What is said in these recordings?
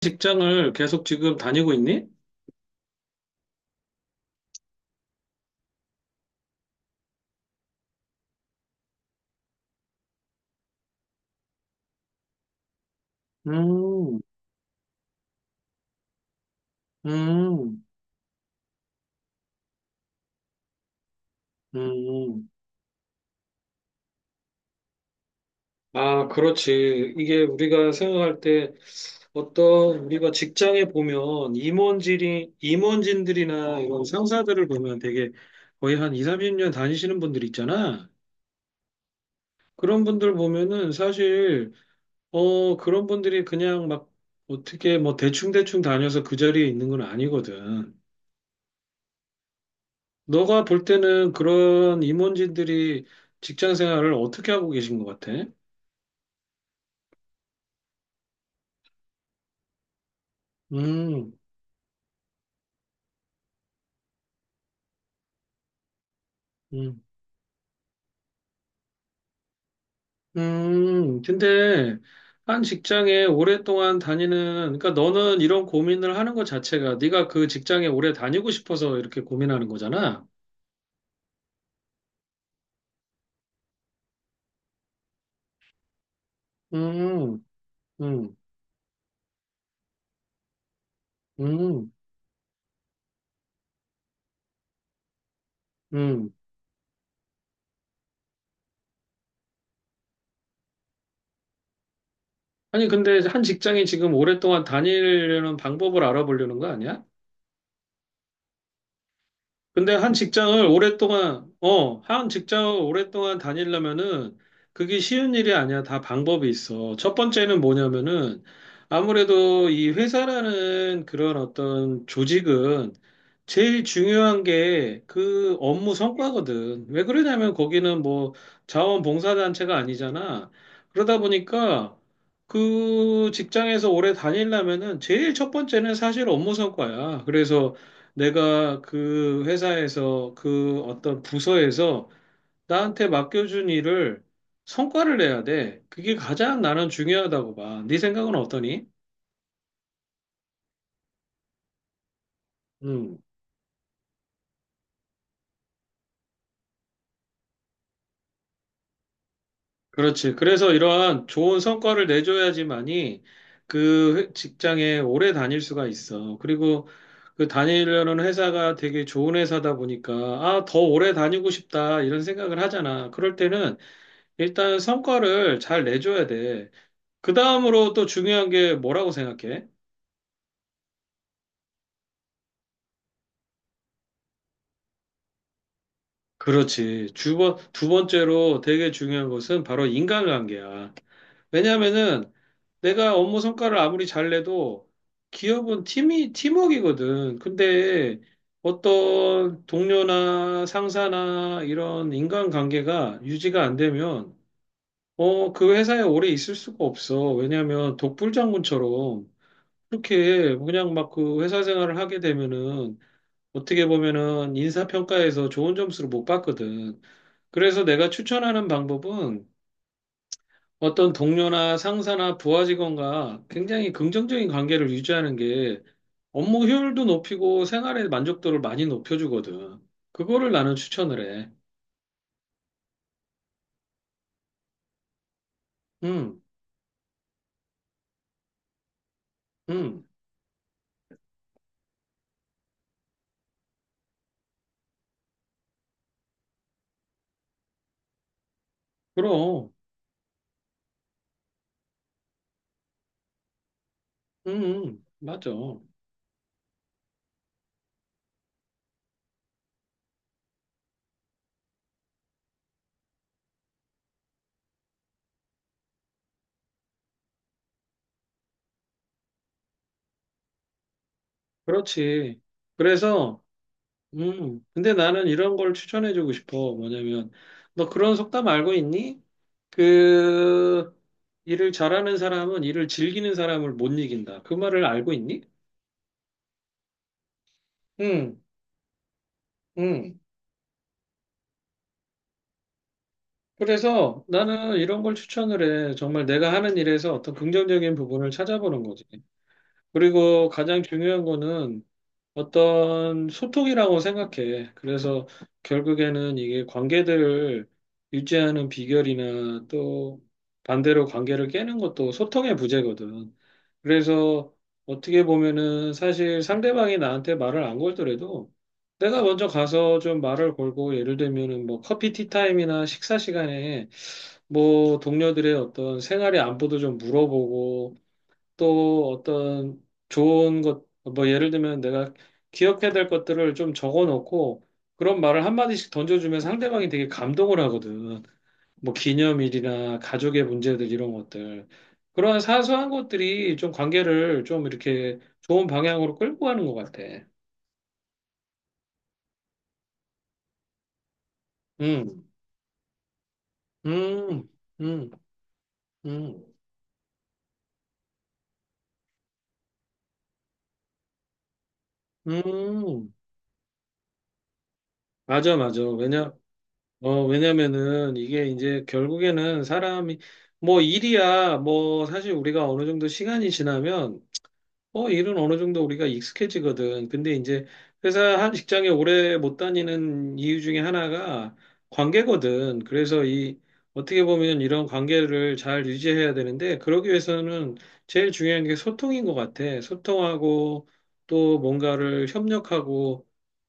직장을 계속 지금 다니고 있니? 음, 음, 음. 아, 그렇지. 이게 우리가 생각할 때 어떤 우리가 직장에 보면 임원진들이나 이런 상사들을 보면 되게 거의 한 2, 30년 다니시는 분들 있잖아. 그런 분들 보면은 사실, 그런 분들이 그냥 막 어떻게 뭐 대충대충 다녀서 그 자리에 있는 건 아니거든. 너가 볼 때는 그런 임원진들이 직장 생활을 어떻게 하고 계신 것 같아? 음, 음, 근데 한 직장에 오랫동안 다니는, 그러니까 너는 이런 고민을 하는 것 자체가 네가 그 직장에 오래 다니고 싶어서 이렇게 고민하는 거잖아. 음, 음, 음, 음. 아니, 근데 한 직장에 지금 오랫동안 다니려는 방법을 알아보려는 거 아니야? 근데 한 직장을 오랫동안 다니려면은 그게 쉬운 일이 아니야. 다 방법이 있어. 첫 번째는 뭐냐면은 아무래도 이 회사라는 그런 어떤 조직은 제일 중요한 게 그 업무 성과거든. 왜 그러냐면 거기는 뭐 자원봉사단체가 아니잖아. 그러다 보니까 그 직장에서 오래 다니려면은 제일 첫 번째는 사실 업무 성과야. 그래서 내가 그 회사에서 그 어떤 부서에서 나한테 맡겨준 일을 성과를 내야 돼. 그게 가장 나는 중요하다고 봐. 네 생각은 어떠니? 음, 그렇지. 그래서 이러한 좋은 성과를 내줘야지만이 직장에 오래 다닐 수가 있어. 그리고 그 다니려는 회사가 되게 좋은 회사다 보니까 아, 더 오래 다니고 싶다 이런 생각을 하잖아. 그럴 때는 일단 성과를 잘 내줘야 돼. 그 다음으로 또 중요한 게 뭐라고 생각해? 그렇지. 두 번째로 되게 중요한 것은 바로 인간관계야. 왜냐하면은 내가 업무 성과를 아무리 잘 내도 기업은 팀워크이거든. 근데 어떤 동료나 상사나 이런 인간관계가 유지가 안 되면 그 회사에 오래 있을 수가 없어. 왜냐하면 독불장군처럼 그렇게 그냥 막 그 회사 생활을 하게 되면은 어떻게 보면은 인사평가에서 좋은 점수를 못 받거든. 그래서 내가 추천하는 방법은 어떤 동료나 상사나 부하 직원과 굉장히 긍정적인 관계를 유지하는 게 업무 효율도 높이고 생활의 만족도를 많이 높여주거든. 그거를 나는 추천을 해. 음, 음, 그럼, 맞아. 그렇지. 그래서, 근데 나는 이런 걸 추천해주고 싶어. 뭐냐면, 너 그런 속담 알고 있니? 그 일을 잘하는 사람은 일을 즐기는 사람을 못 이긴다. 그 말을 알고 있니? 응, 응. 그래서 나는 이런 걸 추천을 해. 정말 내가 하는 일에서 어떤 긍정적인 부분을 찾아보는 거지. 그리고 가장 중요한 거는 어떤 소통이라고 생각해. 그래서 결국에는 이게 관계들을 유지하는 비결이나 또 반대로 관계를 깨는 것도 소통의 부재거든. 그래서 어떻게 보면은 사실 상대방이 나한테 말을 안 걸더라도 내가 먼저 가서 좀 말을 걸고 예를 들면은 뭐 커피 티타임이나 식사 시간에 뭐 동료들의 어떤 생활의 안부도 좀 물어보고 또 어떤 좋은 것, 뭐 예를 들면 내가 기억해야 될 것들을 좀 적어 놓고 그런 말을 한마디씩 던져주면 상대방이 되게 감동을 하거든. 뭐 기념일이나 가족의 문제들 이런 것들. 그런 사소한 것들이 좀 관계를 좀 이렇게 좋은 방향으로 끌고 가는 것 같아. 음, 음, 음, 음, 음. 맞아, 맞아. 왜냐면은 이게 이제 결국에는 사람이 뭐 일이야 뭐 사실 우리가 어느 정도 시간이 지나면 일은 어느 정도 우리가 익숙해지거든. 근데 이제 회사 한 직장에 오래 못 다니는 이유 중에 하나가 관계거든. 그래서 이 어떻게 보면 이런 관계를 잘 유지해야 되는데 그러기 위해서는 제일 중요한 게 소통인 것 같아. 소통하고 또 뭔가를 협력하고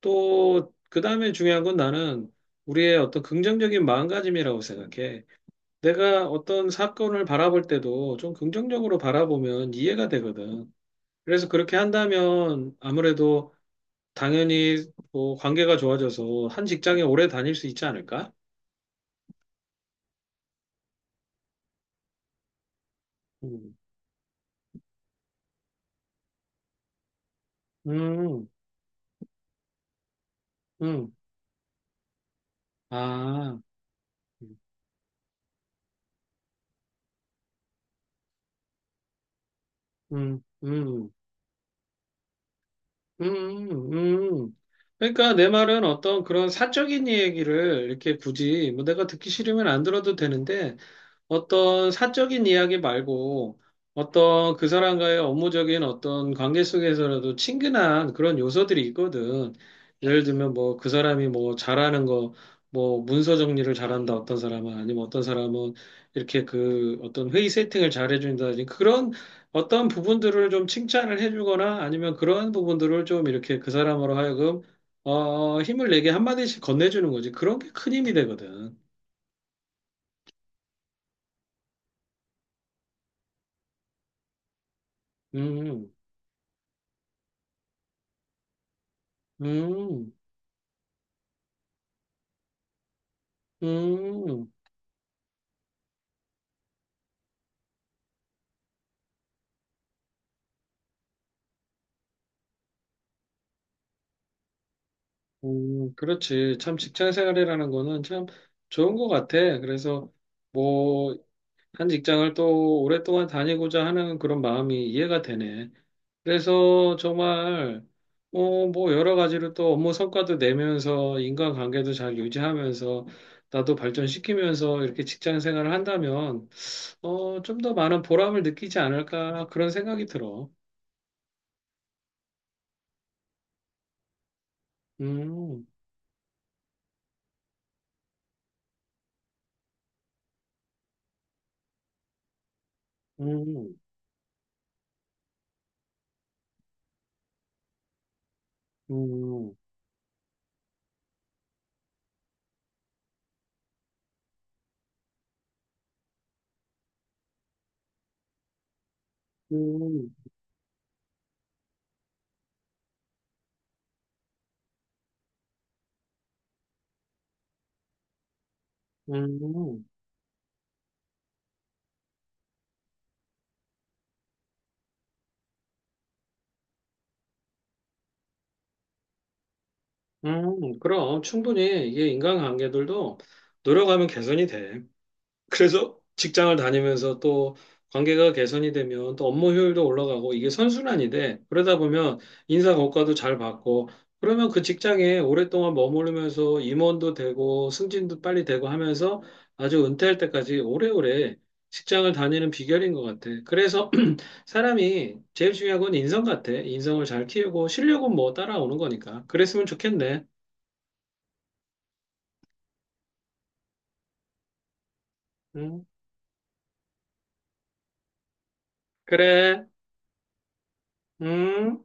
또, 그 다음에 중요한 건 나는 우리의 어떤 긍정적인 마음가짐이라고 생각해. 내가 어떤 사건을 바라볼 때도 좀 긍정적으로 바라보면 이해가 되거든. 그래서 그렇게 한다면 아무래도 당연히 뭐 관계가 좋아져서 한 직장에 오래 다닐 수 있지 않을까? 음, 음, 음. 아, 음, 음, 음, 음. 그러니까 내 말은 어떤 그런 사적인 얘기를 이렇게 굳이 뭐 내가 듣기 싫으면 안 들어도 되는데 어떤 사적인 이야기 말고 어떤 그 사람과의 업무적인 어떤 관계 속에서라도 친근한 그런 요소들이 있거든. 예를 들면 뭐 그 사람이 뭐 잘하는 거, 뭐 문서 정리를 잘한다 어떤 사람은 아니면 어떤 사람은 이렇게 그 어떤 회의 세팅을 잘 해준다든지 그런 어떤 부분들을 좀 칭찬을 해주거나 아니면 그러한 부분들을 좀 이렇게 그 사람으로 하여금 힘을 내게 한마디씩 건네주는 거지. 그런 게 큰 힘이 되거든. 음, 음. 음, 그렇지. 참 직장 생활이라는 거는 참 좋은 것 같아. 그래서 뭐, 한 직장을 또 오랫동안 다니고자 하는 그런 마음이 이해가 되네. 그래서 정말, 뭐, 여러 가지로 또 업무 성과도 내면서 인간관계도 잘 유지하면서 나도 발전시키면서 이렇게 직장 생활을 한다면, 좀 더 많은 보람을 느끼지 않을까 그런 생각이 들어. 음, 음, 음, 음. 음. 그럼 충분히 이게 인간관계들도 노력하면 개선이 돼. 그래서 직장을 다니면서 또 관계가 개선이 되면 또 업무 효율도 올라가고 이게 선순환이 돼. 그러다 보면 인사 고과도 잘 받고 그러면 그 직장에 오랫동안 머무르면서 임원도 되고 승진도 빨리 되고 하면서 아주 은퇴할 때까지 오래오래 직장을 다니는 비결인 것 같아. 그래서 사람이 제일 중요한 건 인성 같아. 인성을 잘 키우고 실력은 뭐 따라오는 거니까. 그랬으면 좋겠네. 음. 그래, 음.